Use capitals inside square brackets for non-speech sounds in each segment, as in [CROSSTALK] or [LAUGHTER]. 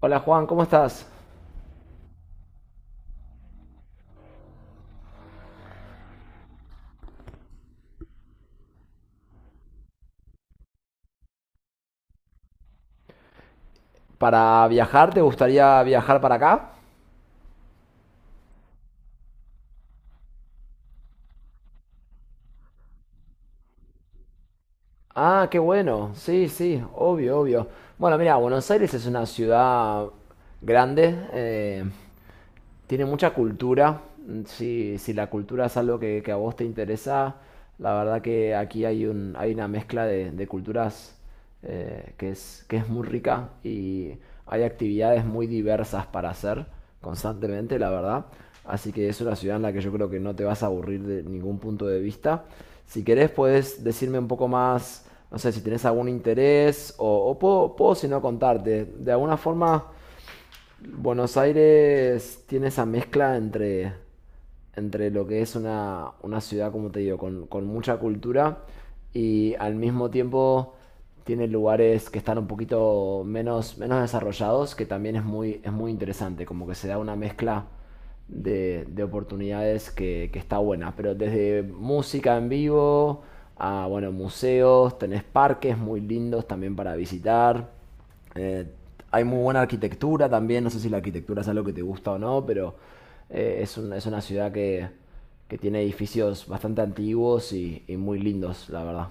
Hola Juan, ¿cómo estás? ¿Para viajar? ¿Te gustaría viajar para acá? Ah, qué bueno. Sí, sí, obvio, obvio. Bueno, mira, Buenos Aires es una ciudad grande. Tiene mucha cultura. Si la cultura es algo que a vos te interesa, la verdad que aquí hay una mezcla de culturas, que es muy rica y hay actividades muy diversas para hacer constantemente, la verdad. Así que es una ciudad en la que yo creo que no te vas a aburrir de ningún punto de vista. Si querés, puedes decirme un poco más, no sé, si tenés algún interés o puedo si no contarte. De alguna forma, Buenos Aires tiene esa mezcla entre lo que es una ciudad, como te digo, con mucha cultura, y al mismo tiempo tiene lugares que están un poquito menos desarrollados, que también es muy interesante, como que se da una mezcla de oportunidades que está buena. Pero desde música en vivo a, bueno, museos, tenés parques muy lindos también para visitar. Hay muy buena arquitectura también, no sé si la arquitectura es algo que te gusta o no, pero es una ciudad que tiene edificios bastante antiguos y muy lindos, la verdad.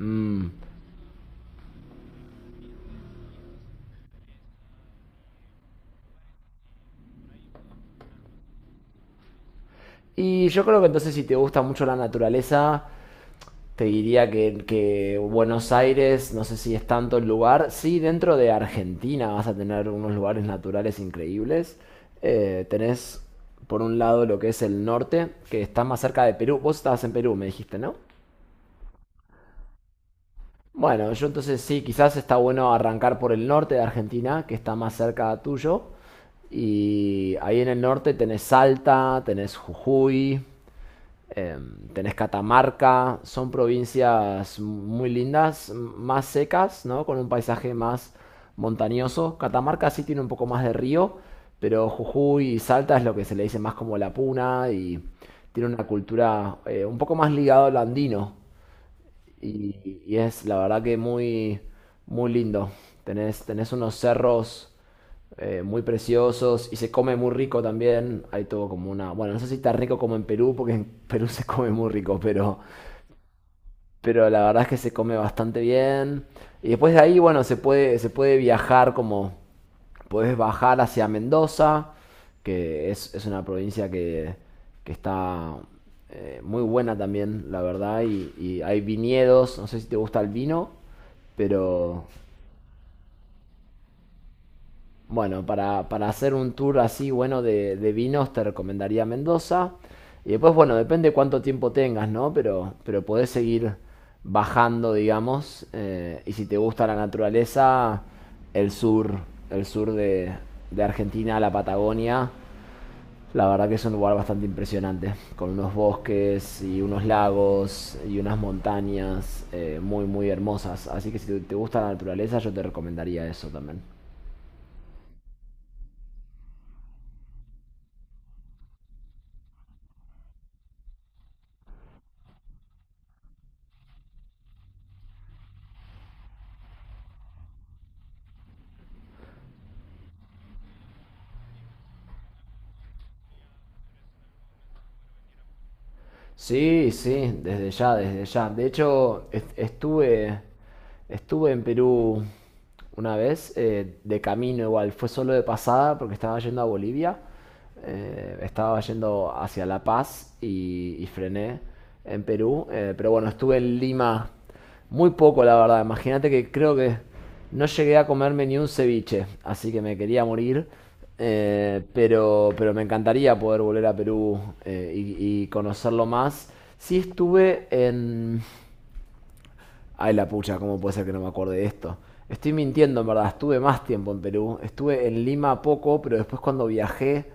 Mm. Y yo creo que entonces, si te gusta mucho la naturaleza, te diría que Buenos Aires, no sé si es tanto el lugar, sí, dentro de Argentina vas a tener unos lugares naturales increíbles. Tenés por un lado lo que es el norte, que está más cerca de Perú. Vos estabas en Perú, me dijiste, ¿no? Bueno, yo entonces sí, quizás está bueno arrancar por el norte de Argentina, que está más cerca tuyo. Y ahí en el norte tenés Salta, tenés Jujuy, tenés Catamarca. Son provincias muy lindas, más secas, ¿no? Con un paisaje más montañoso. Catamarca sí tiene un poco más de río, pero Jujuy y Salta es lo que se le dice más como la puna, y tiene una cultura un poco más ligada a lo andino. Y es la verdad que muy, muy lindo. Tenés unos cerros muy preciosos, y se come muy rico también. Hay todo como una. Bueno, no sé si tan rico como en Perú, porque en [LAUGHS] Perú se come muy rico, pero la verdad es que se come bastante bien. Y después de ahí, bueno, se puede viajar como podés bajar hacia Mendoza, que es una provincia que está muy buena también, la verdad, y hay viñedos, no sé si te gusta el vino, pero bueno, para hacer un tour así bueno de vinos te recomendaría Mendoza. Y después, bueno, depende cuánto tiempo tengas, ¿no? Pero podés seguir bajando, digamos. Y si te gusta la naturaleza, el sur, el sur de Argentina, la Patagonia. La verdad que es un lugar bastante impresionante, con unos bosques y unos lagos y unas montañas muy muy hermosas. Así que si gusta la naturaleza, yo te recomendaría eso también. Sí, sí, desde ya, desde ya. De hecho, estuve en Perú una vez, de camino igual, fue solo de pasada porque estaba yendo a Bolivia, estaba yendo hacia La Paz y frené en Perú. Pero bueno, estuve en Lima muy poco, la verdad. Imagínate que creo que no llegué a comerme ni un ceviche, así que me quería morir. Pero me encantaría poder volver a Perú, y conocerlo más. Sí estuve en, ay, la pucha, ¿cómo puede ser que no me acuerde de esto? Estoy mintiendo, en verdad. Estuve más tiempo en Perú. Estuve en Lima poco, pero después, cuando viajé,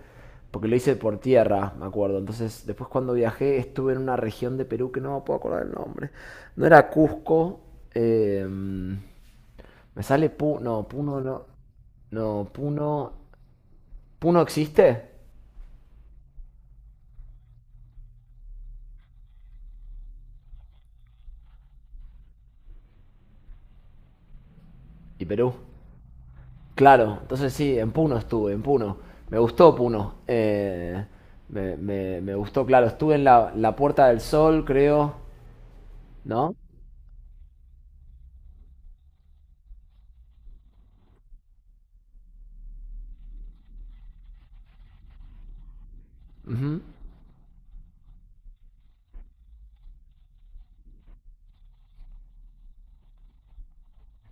porque lo hice por tierra, me acuerdo. Entonces, después cuando viajé, estuve en una región de Perú que no me puedo acordar el nombre. No era Cusco. Me sale Puno. No, Puno no. No, Puno. ¿Puno existe? ¿Y Perú? Claro, entonces sí, en Puno estuve, en Puno. Me gustó Puno. Me gustó, claro. Estuve en la Puerta del Sol, creo, ¿no? Ujú.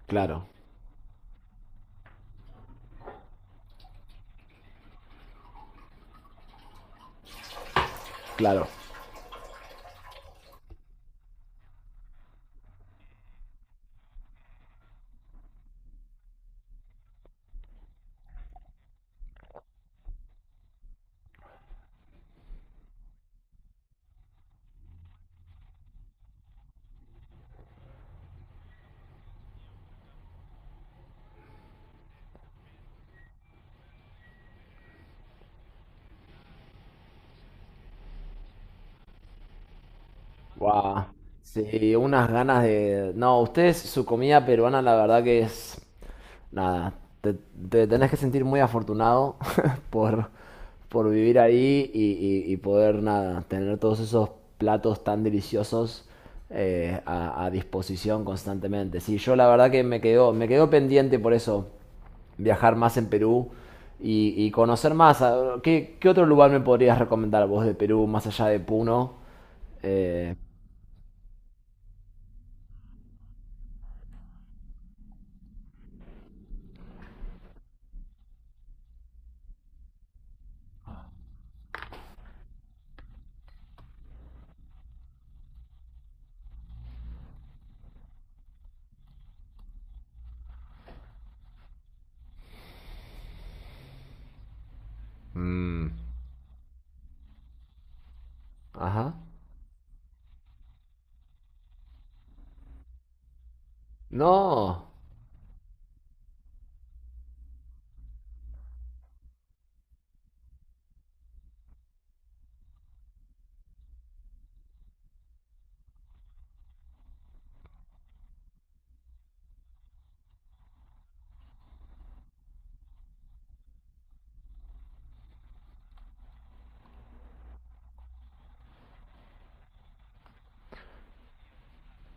Claro, claro. Guau. Sí, unas ganas de. No, ustedes, su comida peruana, la verdad que es. Nada, te, te tenés que sentir muy afortunado [LAUGHS] por, por vivir ahí y poder, nada, tener todos esos platos tan deliciosos, a disposición constantemente. Sí, yo la verdad que me quedó pendiente por eso viajar más en Perú y conocer más. ¿Qué otro lugar me podrías recomendar vos de Perú, más allá de Puno? Eh, Mm, ajá. No,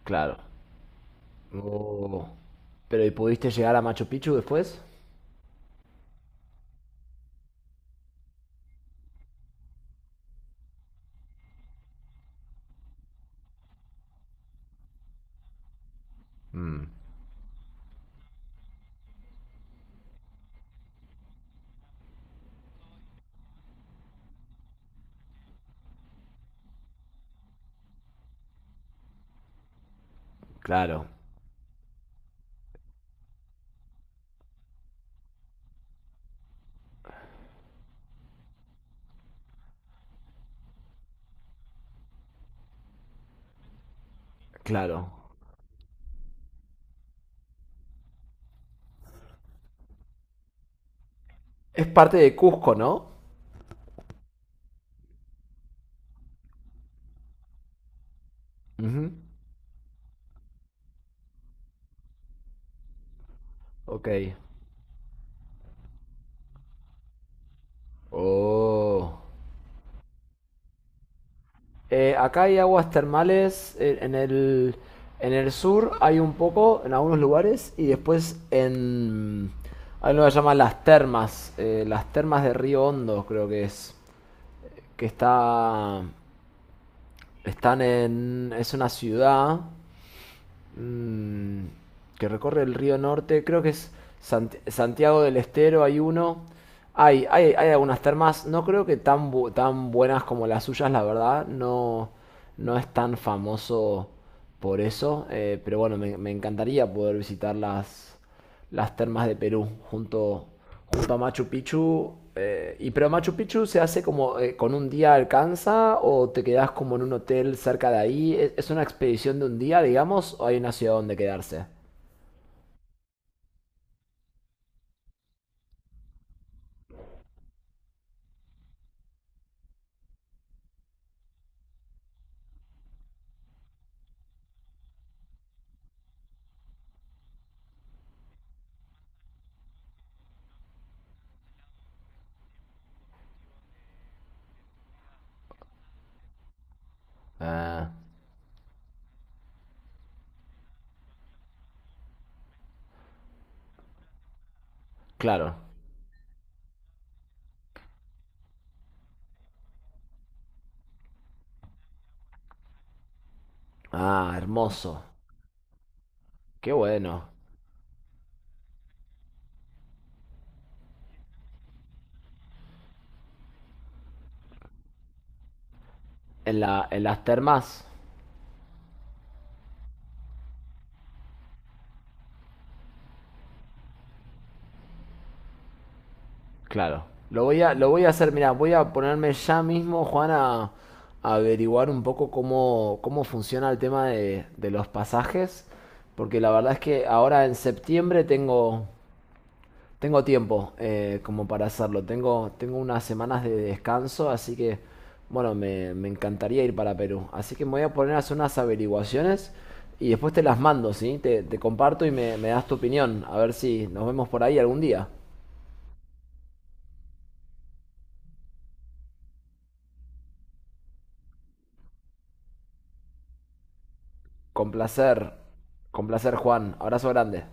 claro. Oh. Pero ¿y pudiste llegar a Machu Picchu después? Claro, claro. Es parte de Cusco, ¿no? Ujú. Ok. Oh. Acá hay aguas termales, en el sur, hay un poco en algunos lugares, y después en. Hay lo que se llama las termas de Río Hondo, creo que es, que está, están en. Es una ciudad mm, que recorre el río Norte, creo que es Santiago del Estero, hay uno. Hay algunas termas, no creo que tan buenas como las suyas, la verdad. No, no es tan famoso por eso, pero bueno, me encantaría poder visitarlas, las termas de Perú, junto a Machu Picchu. Pero Machu Picchu se hace como con un día alcanza, o te quedas como en un hotel cerca de ahí. ¿Es una expedición de un día, digamos, o hay una ciudad donde quedarse? Ah, claro. Ah, hermoso. Qué bueno. En las termas. Claro. Lo voy a hacer, mirá, voy a ponerme ya mismo, Juan, a averiguar un poco cómo funciona el tema de los pasajes, porque la verdad es que ahora en septiembre tengo tiempo, como para hacerlo. Tengo unas semanas de descanso, así que, bueno, me encantaría ir para Perú. Así que me voy a poner a hacer unas averiguaciones, y después te las mando, ¿sí? Te comparto y me das tu opinión, a ver si nos vemos por ahí algún día. Con placer. Con placer, Juan. Abrazo grande.